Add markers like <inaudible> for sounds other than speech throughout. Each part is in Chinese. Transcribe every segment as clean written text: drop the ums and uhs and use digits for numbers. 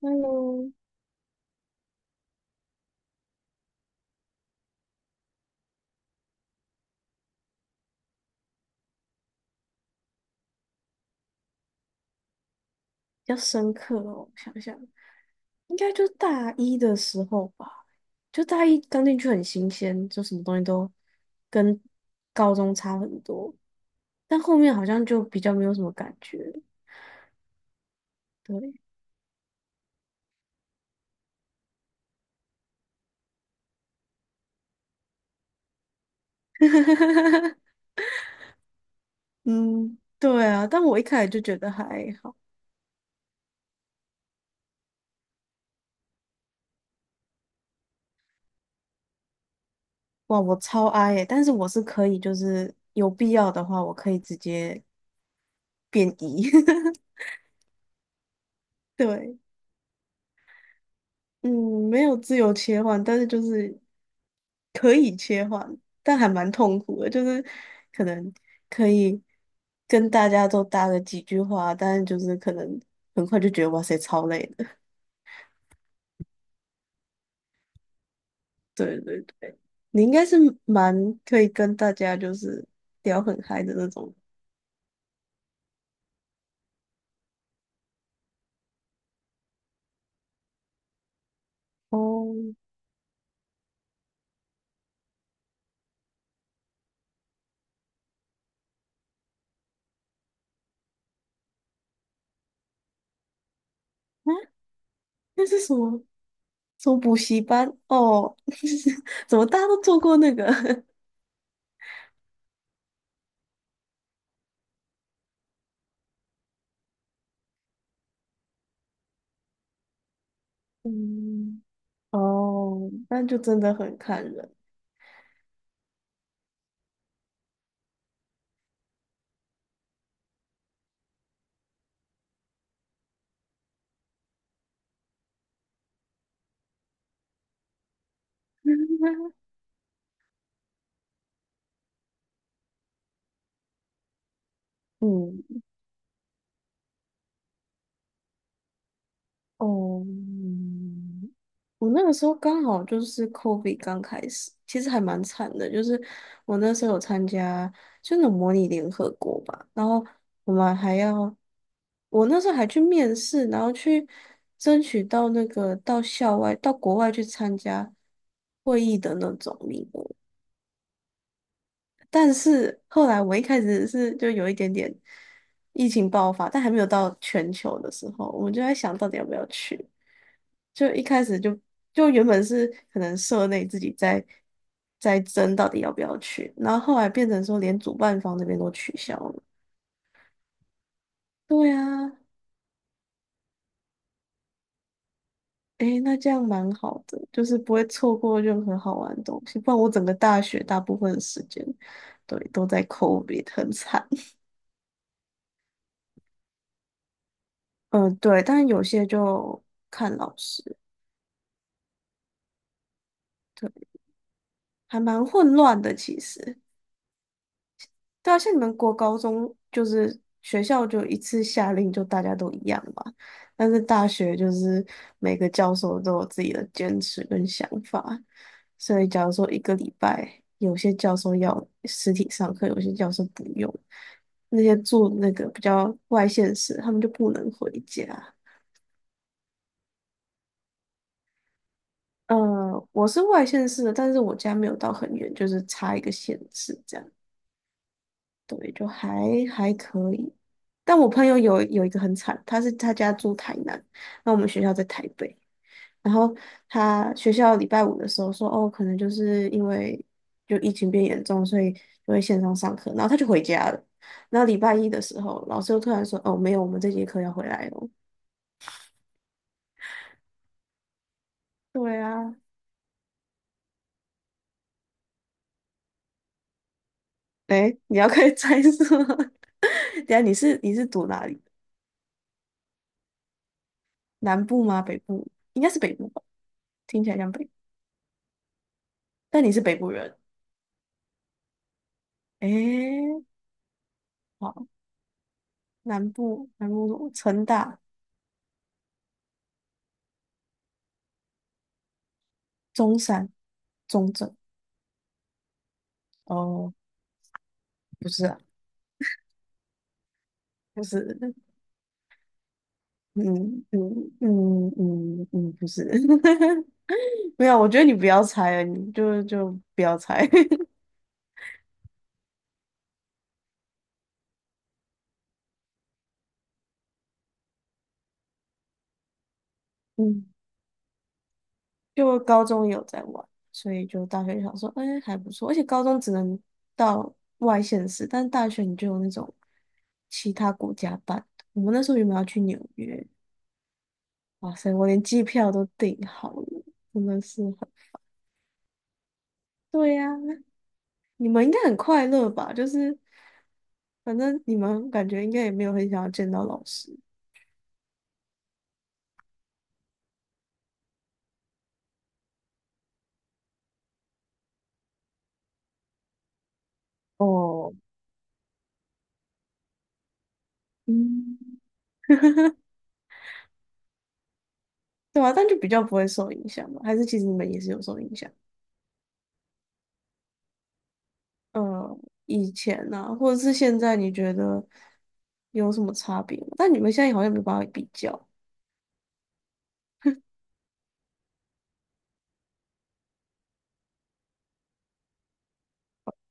嗯，比较深刻哦，我想想，应该就大一的时候吧，就大一刚进去很新鲜，就什么东西都跟高中差很多，但后面好像就比较没有什么感觉了，对。<laughs> 嗯，对啊，但我一开始就觉得还好。哇，我超爱，耶，但是我是可以，就是有必要的话，我可以直接变 E。<laughs> 对。嗯，没有自由切换，但是就是可以切换，但还蛮痛苦的，就是可能可以跟大家都搭个几句话，但是就是可能很快就觉得哇塞，超累的。<laughs> 对对对，你应该是蛮可以跟大家就是聊很嗨的那种。哦，啊，那是什么？什么补习班？哦。<laughs> 怎么大家都做过那个？<laughs> 嗯，哦，那就真的很看人。<laughs> 嗯，哦，我那个时候刚好就是 COVID 刚开始，其实还蛮惨的。就是我那时候有参加，就那种模拟联合国吧，然后我们还要，我那时候还去面试，然后去争取到那个到校外、到国外去参加会议的那种名额。但是后来我一开始是就有一点点疫情爆发，但还没有到全球的时候，我们就在想到底要不要去。就一开始就就原本是可能社内自己在争到底要不要去，然后后来变成说连主办方那边都取消了。对啊，诶，那这样蛮好的，就是不会错过任何好玩的东西。不然我整个大学大部分的时间，对，都在 COVID，很惨。<laughs> 嗯，对，但有些就看老师。还蛮混乱的，其实。对啊，像你们国高中就是学校就一次下令就大家都一样嘛，但是大学就是每个教授都有自己的坚持跟想法，所以假如说一个礼拜有些教授要实体上课，有些教授不用，那些住那个比较外县市，他们就不能回家。呃，我是外县市的，但是我家没有到很远，就是差一个县市这样。对，就还还可以。但我朋友有一个很惨，他是他家住台南，那我们学校在台北。然后他学校礼拜五的时候说，哦，可能就是因为就疫情变严重，所以就会线上上课。然后他就回家了。然后礼拜一的时候，老师又突然说，哦，没有，我们这节课要回来哦。对啊，哎，你要可以猜是吗？ <laughs> 等一下你是读哪里？南部吗？北部？应该是北部吧，听起来像北部，但你是北部人，哎。好，南部南部城大、中山、中正，哦，不是啊，就是，嗯嗯嗯嗯嗯，不是，<laughs> 没有，我觉得你不要猜了，你就不要猜。<laughs> 嗯，就高中有在玩，所以就大学就想说，哎，还不错，而且高中只能到外县市，但大学你就有那种其他国家办，我们那时候原本要去纽约，哇塞，我连机票都订好了，真的是很，对呀、你们应该很快乐吧？就是反正你们感觉应该也没有很想要见到老师，哦，嗯，对啊，但就比较不会受影响吧？还是其实你们也是有受影响？呃，以前呢、啊，或者是现在，你觉得有什么差别吗？但你们现在好像没办法比较。<laughs>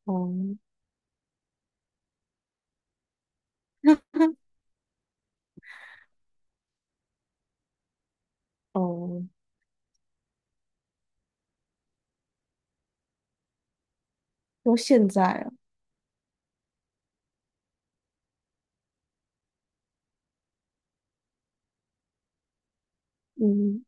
哦，哦，说现在啊，嗯，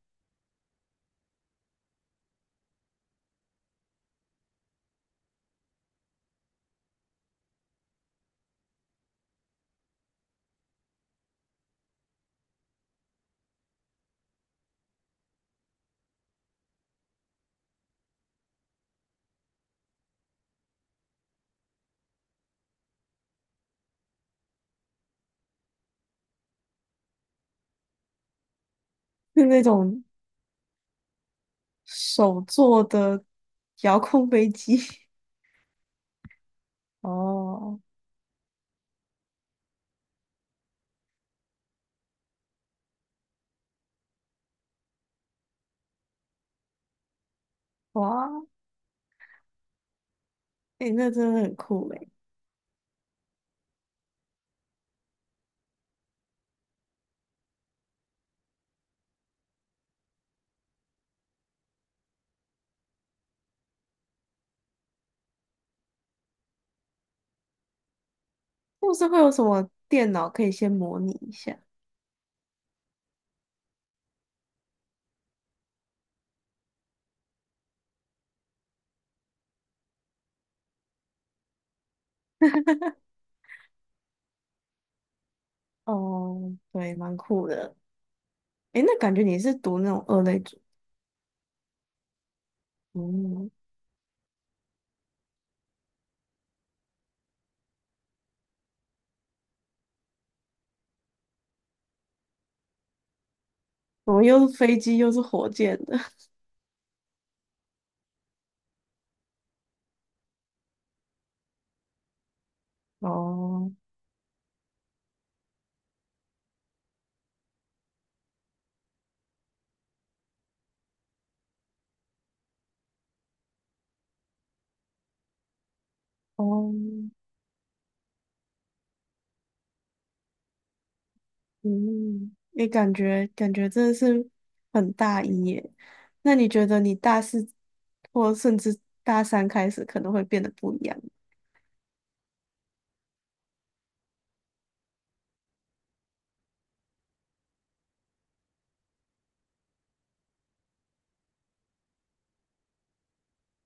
是那种手做的遥控飞机。<laughs> 哦，哇，诶、那真的很酷诶、或是会有什么电脑可以先模拟一下？哦，对，蛮酷的。诶，那感觉你是读那种二类组，嗯，怎么又是飞机又是火箭的？<laughs> 哦，哦，嗯，你感觉真的是很大一耶。那你觉得你大四或甚至大三开始可能会变得不一样？<laughs>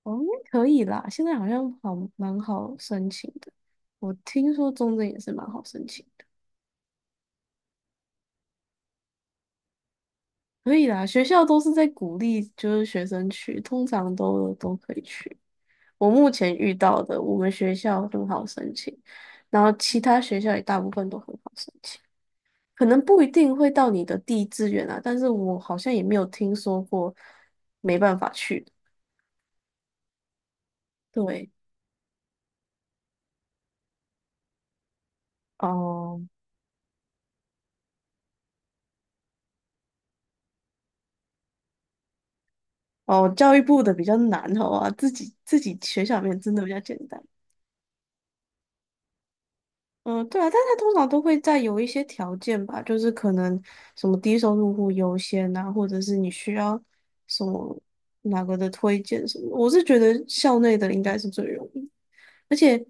哦，应该可以啦。现在好像好蛮好申请的，我听说中正也是蛮好申请的，可以啦。学校都是在鼓励，就是学生去，通常都都可以去。我目前遇到的，我们学校很好申请，然后其他学校也大部分都很好申请，可能不一定会到你的第一志愿啊，但是我好像也没有听说过没办法去的。对，哦、哦，教育部的比较难，好吧，自己学校里面真的比较简单。嗯，对啊，但他通常都会在有一些条件吧，就是可能什么低收入户优先啊，或者是你需要什么哪个的推荐什么的，我是觉得校内的应该是最容易，而且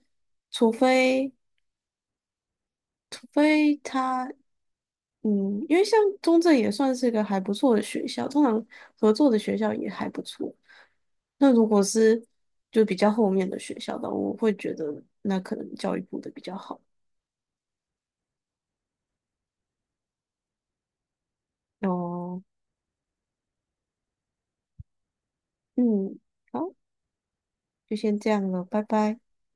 除非除非他嗯，因为像中正也算是个还不错的学校，通常合作的学校也还不错。那如果是就比较后面的学校的，我会觉得那可能教育部的比较好。哦，嗯。好。就先这样了，拜拜。